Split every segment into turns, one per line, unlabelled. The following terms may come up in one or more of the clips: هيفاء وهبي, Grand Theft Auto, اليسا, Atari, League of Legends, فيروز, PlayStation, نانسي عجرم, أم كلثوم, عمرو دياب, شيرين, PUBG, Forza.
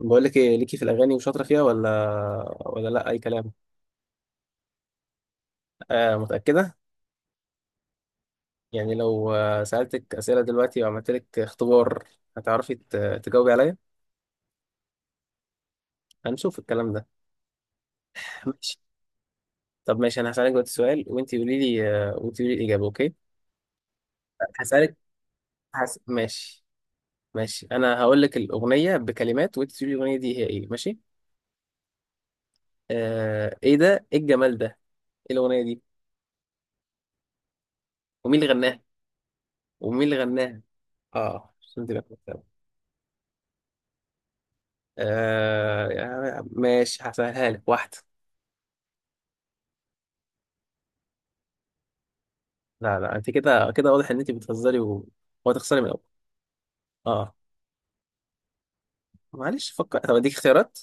بقول لك ايه، ليكي في الاغاني وشاطره فيها ولا لا، اي كلام؟ آه، متاكده؟ يعني لو سالتك اسئله دلوقتي وعملت لك اختبار، هتعرفي تجاوبي عليا؟ هنشوف الكلام ده. ماشي. طب ماشي، انا هسالك دلوقتي سؤال وانت قولي لي وانت قولي لي الاجابه، اوكي؟ هسالك. ماشي. ماشي، انا هقول لك الاغنيه بكلمات وانت تقولي الاغنيه دي هي ايه، ماشي؟ آه ايه ده، ايه الجمال ده؟ ايه الاغنيه دي؟ ومين اللي غناها؟ ومين اللي غناها؟ اه، عشان تبقى. ماشي، هسهلها لك، واحدة. لا لا، انت كده كده واضح ان انت بتهزري وهتخسري من الاول. اه. معلش فكر، طب اديك اختيارات.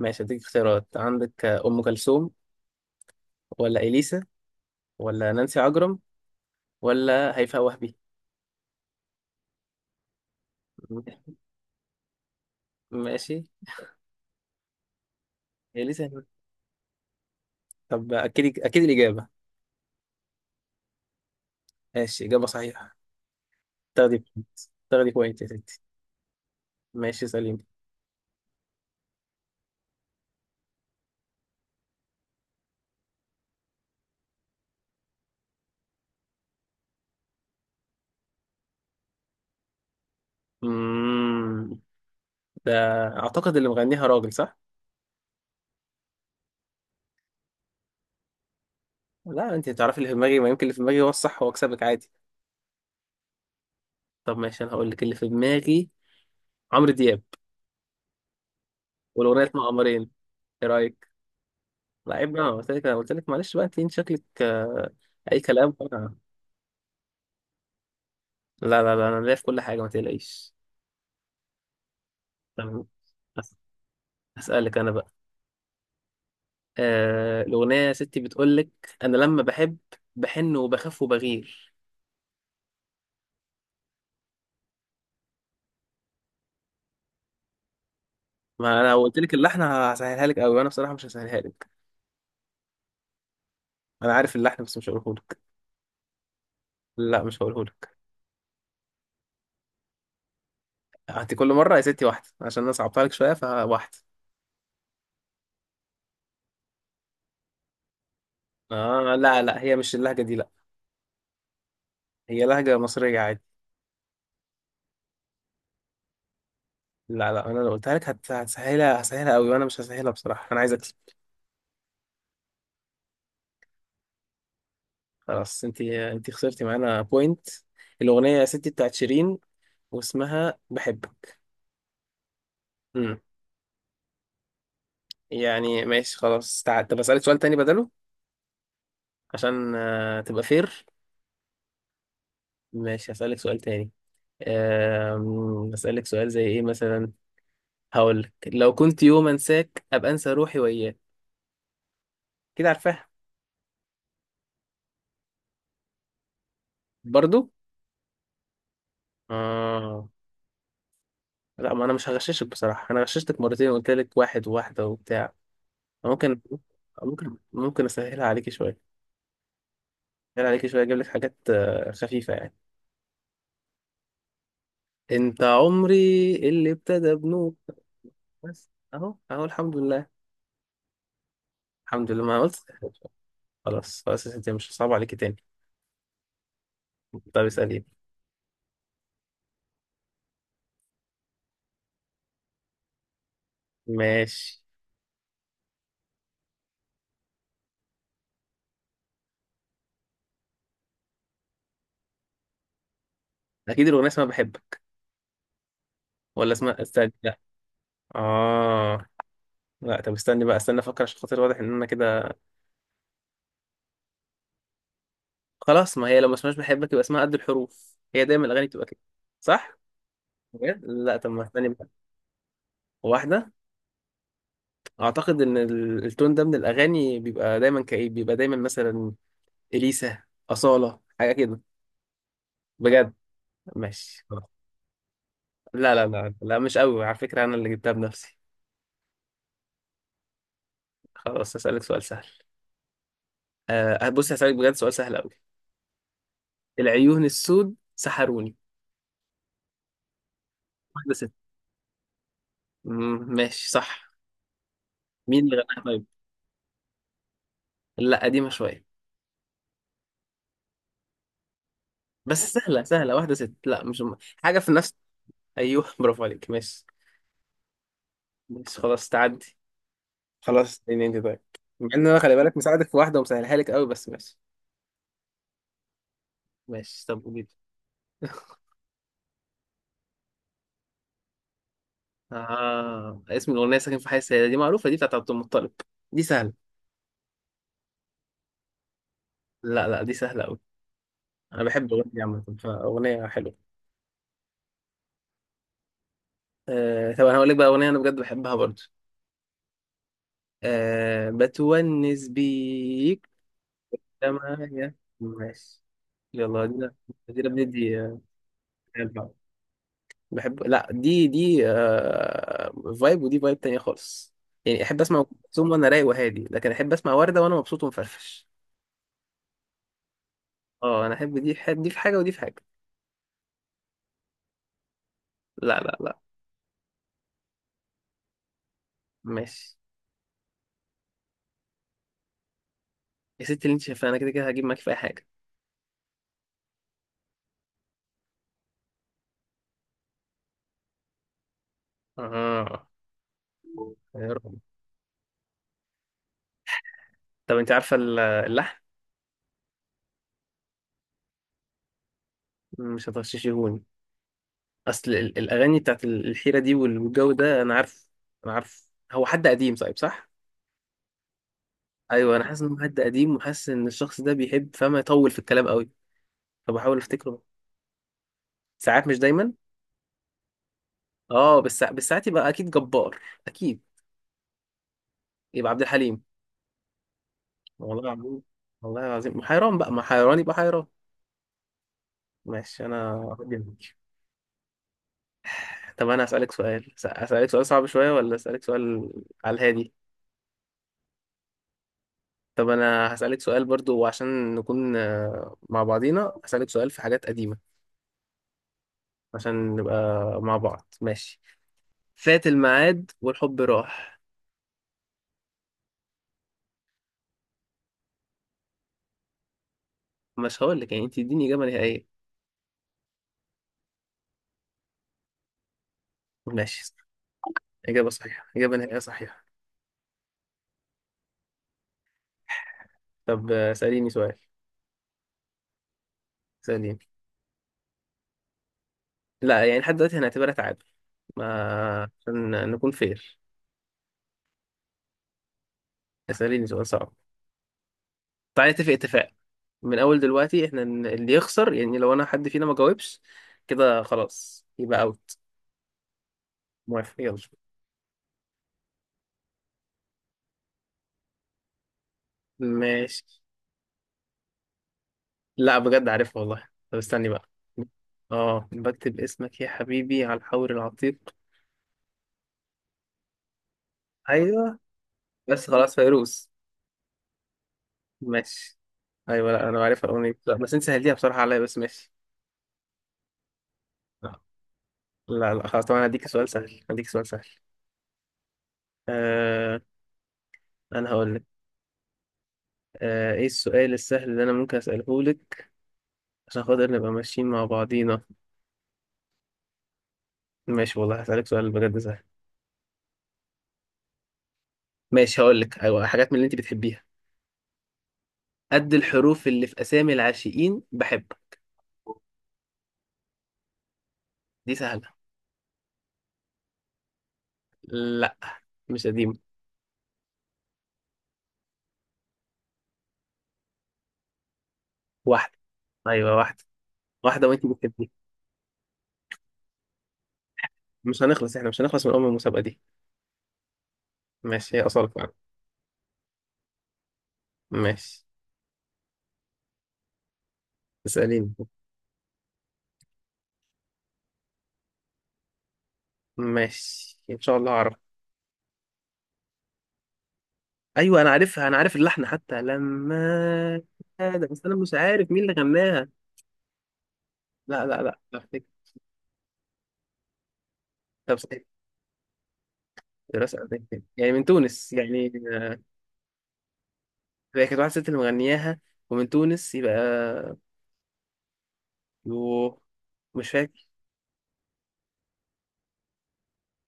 ماشي، اديك اختيارات، عندك ام كلثوم، ولا اليسا، ولا نانسي عجرم، ولا هيفاء وهبي. م- ماشي. اليسا؟ طب اكيد اكيد الاجابة؟ ماشي، اجابة صحيحة، تاخدي بوينت، تاخدي بوينت يا ستي. ماشي، سليم. امم ده، اعتقد اللي مغنيها راجل، صح؟ لا، انت تعرفي اللي في دماغي، ما يمكن اللي في دماغي هو الصح واكسبك عادي. طب ماشي، انا هقول لك اللي في دماغي. عمرو دياب. والاغنيه اسمها قمرين. ايه رايك؟ لا عيب بقى، قلت لك، انا قلت لك معلش بقى، إنت شكلك، اي كلام طبعا. لا لا لا، انا ليا في كل حاجه، ما تقلقيش. تمام. بس، اسالك انا بقى. الاغنيه يا ستي بتقول لك: انا لما بحب بحن وبخاف وبغير. ما انا لو قلت لك اللحن هسهلها لك قوي، وانا بصراحه مش هسهلها لك. انا عارف اللحن بس مش هقوله لك. لا، مش هقوله لك. هاتي كل مره يا ستي واحده، عشان انا صعبتها لك شويه، فواحده. اه لا لا، هي مش اللهجه دي لا. هي لهجه مصريه عادي. لا لا، انا لو قلتها لك هتسهلها، هسهلها قوي، وانا مش هسهلها بصراحه، انا عايز اكسب. خلاص، انت خسرتي معانا بوينت. الاغنيه يا ستي بتاعت شيرين، واسمها بحبك. امم يعني ماشي خلاص، طب اسالك سؤال تاني بدله، عشان تبقى فير. ماشي، هسالك سؤال تاني. اسالك سؤال زي ايه مثلا؟ هقول لك: لو كنت يوم انساك ابقى انسى روحي وياك. كده عارفاها؟ برضو. اه. لا، ما انا مش هغششك بصراحه، انا غششتك مرتين وقلت لك واحد وواحده وبتاع. ممكن. ممكن اسهلها عليكي شويه. اسهلها عليكي شويه، اجيب لك حاجات خفيفه يعني. انت عمري اللي ابتدى بنور. بس اهو اهو الحمد لله. الحمد لله ما قلت. خلاص خلاص، انت مش صعب عليكي تاني. طب اسالي. ماشي، اكيد الاغنيه اسمها بحبك، ولا اسمها استنى، لا. اه. لا طب استني بقى، استنى افكر، عشان خاطر واضح ان انا كده. خلاص، ما هي لو ما اسمهاش بحبك يبقى اسمها قد الحروف، هي دايما الاغاني بتبقى كده. صح. بجد؟ لا طب ما استني بقى. واحده. اعتقد ان التون ده من الاغاني بيبقى دايما كئيب، بيبقى دايما مثلا اليسا، اصاله، حاجه كده. بجد. ماشي. لا لا لا لا، مش قوي على فكره، انا اللي جبتها بنفسي. خلاص، هسالك سؤال سهل. أه بص، هسالك بجد سؤال سهل قوي. العيون السود سحروني. واحده ست. مم، ماشي صح. مين اللي غناها طيب؟ لا، قديمه شويه. بس سهله سهله، واحده ست لا، مش م- حاجه في نفس. ايوه، برافو عليك، ماشي. ماشي خلاص، تعدي. خلاص، اسأليني انت طيب. مع ان انا، خلي بالك، مساعدك في واحده ومسهلها لك قوي، بس ماشي. ماشي، طب قولي لي. اسم الأغنية ساكن في حي السيدة، دي معروفة، دي بتاعت عبد المطلب. دي سهله. لا لا، دي سهلة أوي. أنا بحب الأغنية دي عامة، فأغنية حلوة. طب أنا هقول لك بقى أغنية أنا بجد بحبها برضو. بتونس بيك. تمام. ماشي. يلا دي، دي بندي. آه، بحب. لا دي فايب، ودي فايب تانية خالص. يعني احب اسمع ام كلثوم وانا رايق وهادي، لكن احب اسمع وردة وانا مبسوط ومفرفش. اه، انا احب دي في حاجة، دي في حاجة، ودي في حاجة. لا لا لا. ماشي يا ستي، اللي انت شايفاه، انا كده كده هجيب معاكي في اي حاجة. اه يا رب. طب انت عارفة اللحن؟ مش هتغششيهوني. اصل الاغاني بتاعت الحيرة دي والجو ده، انا عارف، انا عارف هو حد قديم، صايب صح؟ ايوه، انا حاسس انه حد قديم، وحاسس ان الشخص ده بيحب فما يطول في الكلام قوي. فبحاول افتكره. ساعات مش دايما. اه، بس بالساعات يبقى اكيد جبار، اكيد. يبقى عبد الحليم. والله العظيم، والله العظيم حيران بقى، ما حيران يبقى حيران. ماشي، انا جنبك. طب انا هسألك سؤال هسألك سؤال صعب شوية، ولا هسألك سؤال على الهادي؟ طب انا هسألك سؤال برضو، عشان نكون مع بعضينا، هسألك سؤال في حاجات قديمة، عشان نبقى مع بعض ماشي. فات الميعاد والحب راح. مش هقول لك يعني، انت اديني إجابة نهائية. ماشي. إجابة صحيحة، إجابة نهائية صحيحة. طب اسأليني سؤال. سليم. لا يعني، لحد دلوقتي هنعتبرها تعادل، ما عشان نكون فير. اسأليني سؤال صعب. تعالى نتفق اتفاق، من اول دلوقتي احنا اللي يخسر، يعني لو انا حد فينا ما جاوبش، كده خلاص يبقى اوت. موافق، يلا. ماشي. لا بجد، عارفها والله، طب استني بقى. اه، بكتب اسمك يا حبيبي على الحور العتيق. ايوه. بس خلاص، فيروز. ماشي. ايوه لا، انا عارفها الاغنيه دي. لا، بس انت سهلتيها بصراحه عليا، بس ماشي. لا لا خلاص، طبعا هديك سؤال سهل، هديك سؤال سهل. آه انا هقول لك. ايه السؤال السهل اللي انا ممكن اساله لك عشان خاطر نبقى ماشيين مع بعضينا؟ ماشي والله، هسالك سؤال بجد سهل. ماشي، هقول لك ايوه حاجات من اللي انت بتحبيها. قد الحروف اللي في اسامي العاشقين بحب. دي سهله. لا مش قديمه. واحده. ايوه واحده. واحده، وانت بتحبيها. مش هنخلص، احنا مش هنخلص من ام المسابقه دي. ماشي، هي اصلا فعلا. ماشي، اساليني. ماشي، ان شاء الله اعرف. ايوه انا عارفها، انا عارف اللحن حتى لما. هذا، بس انا مش عارف مين اللي غناها. لا لا لا لا، افتكر. طب صحيح، دراسة أمريكية يعني من تونس، يعني هي كانت واحدة ست اللي مغنياها، ومن تونس يبقى. يوه، مش فاكر.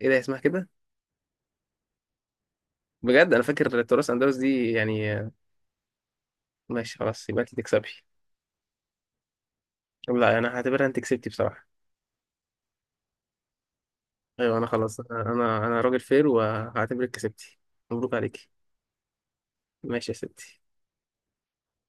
ايه ده، اسمها كده. بجد، انا فاكر تراث اندلس دي يعني ماشي خلاص، يبقى انت تكسبي. طب لا، انا هعتبرها انت كسبتي بصراحة. ايوه انا خلاص، انا انا أنا راجل فير، وهعتبرك كسبتي. مبروك عليكي. ماشي يا ستي.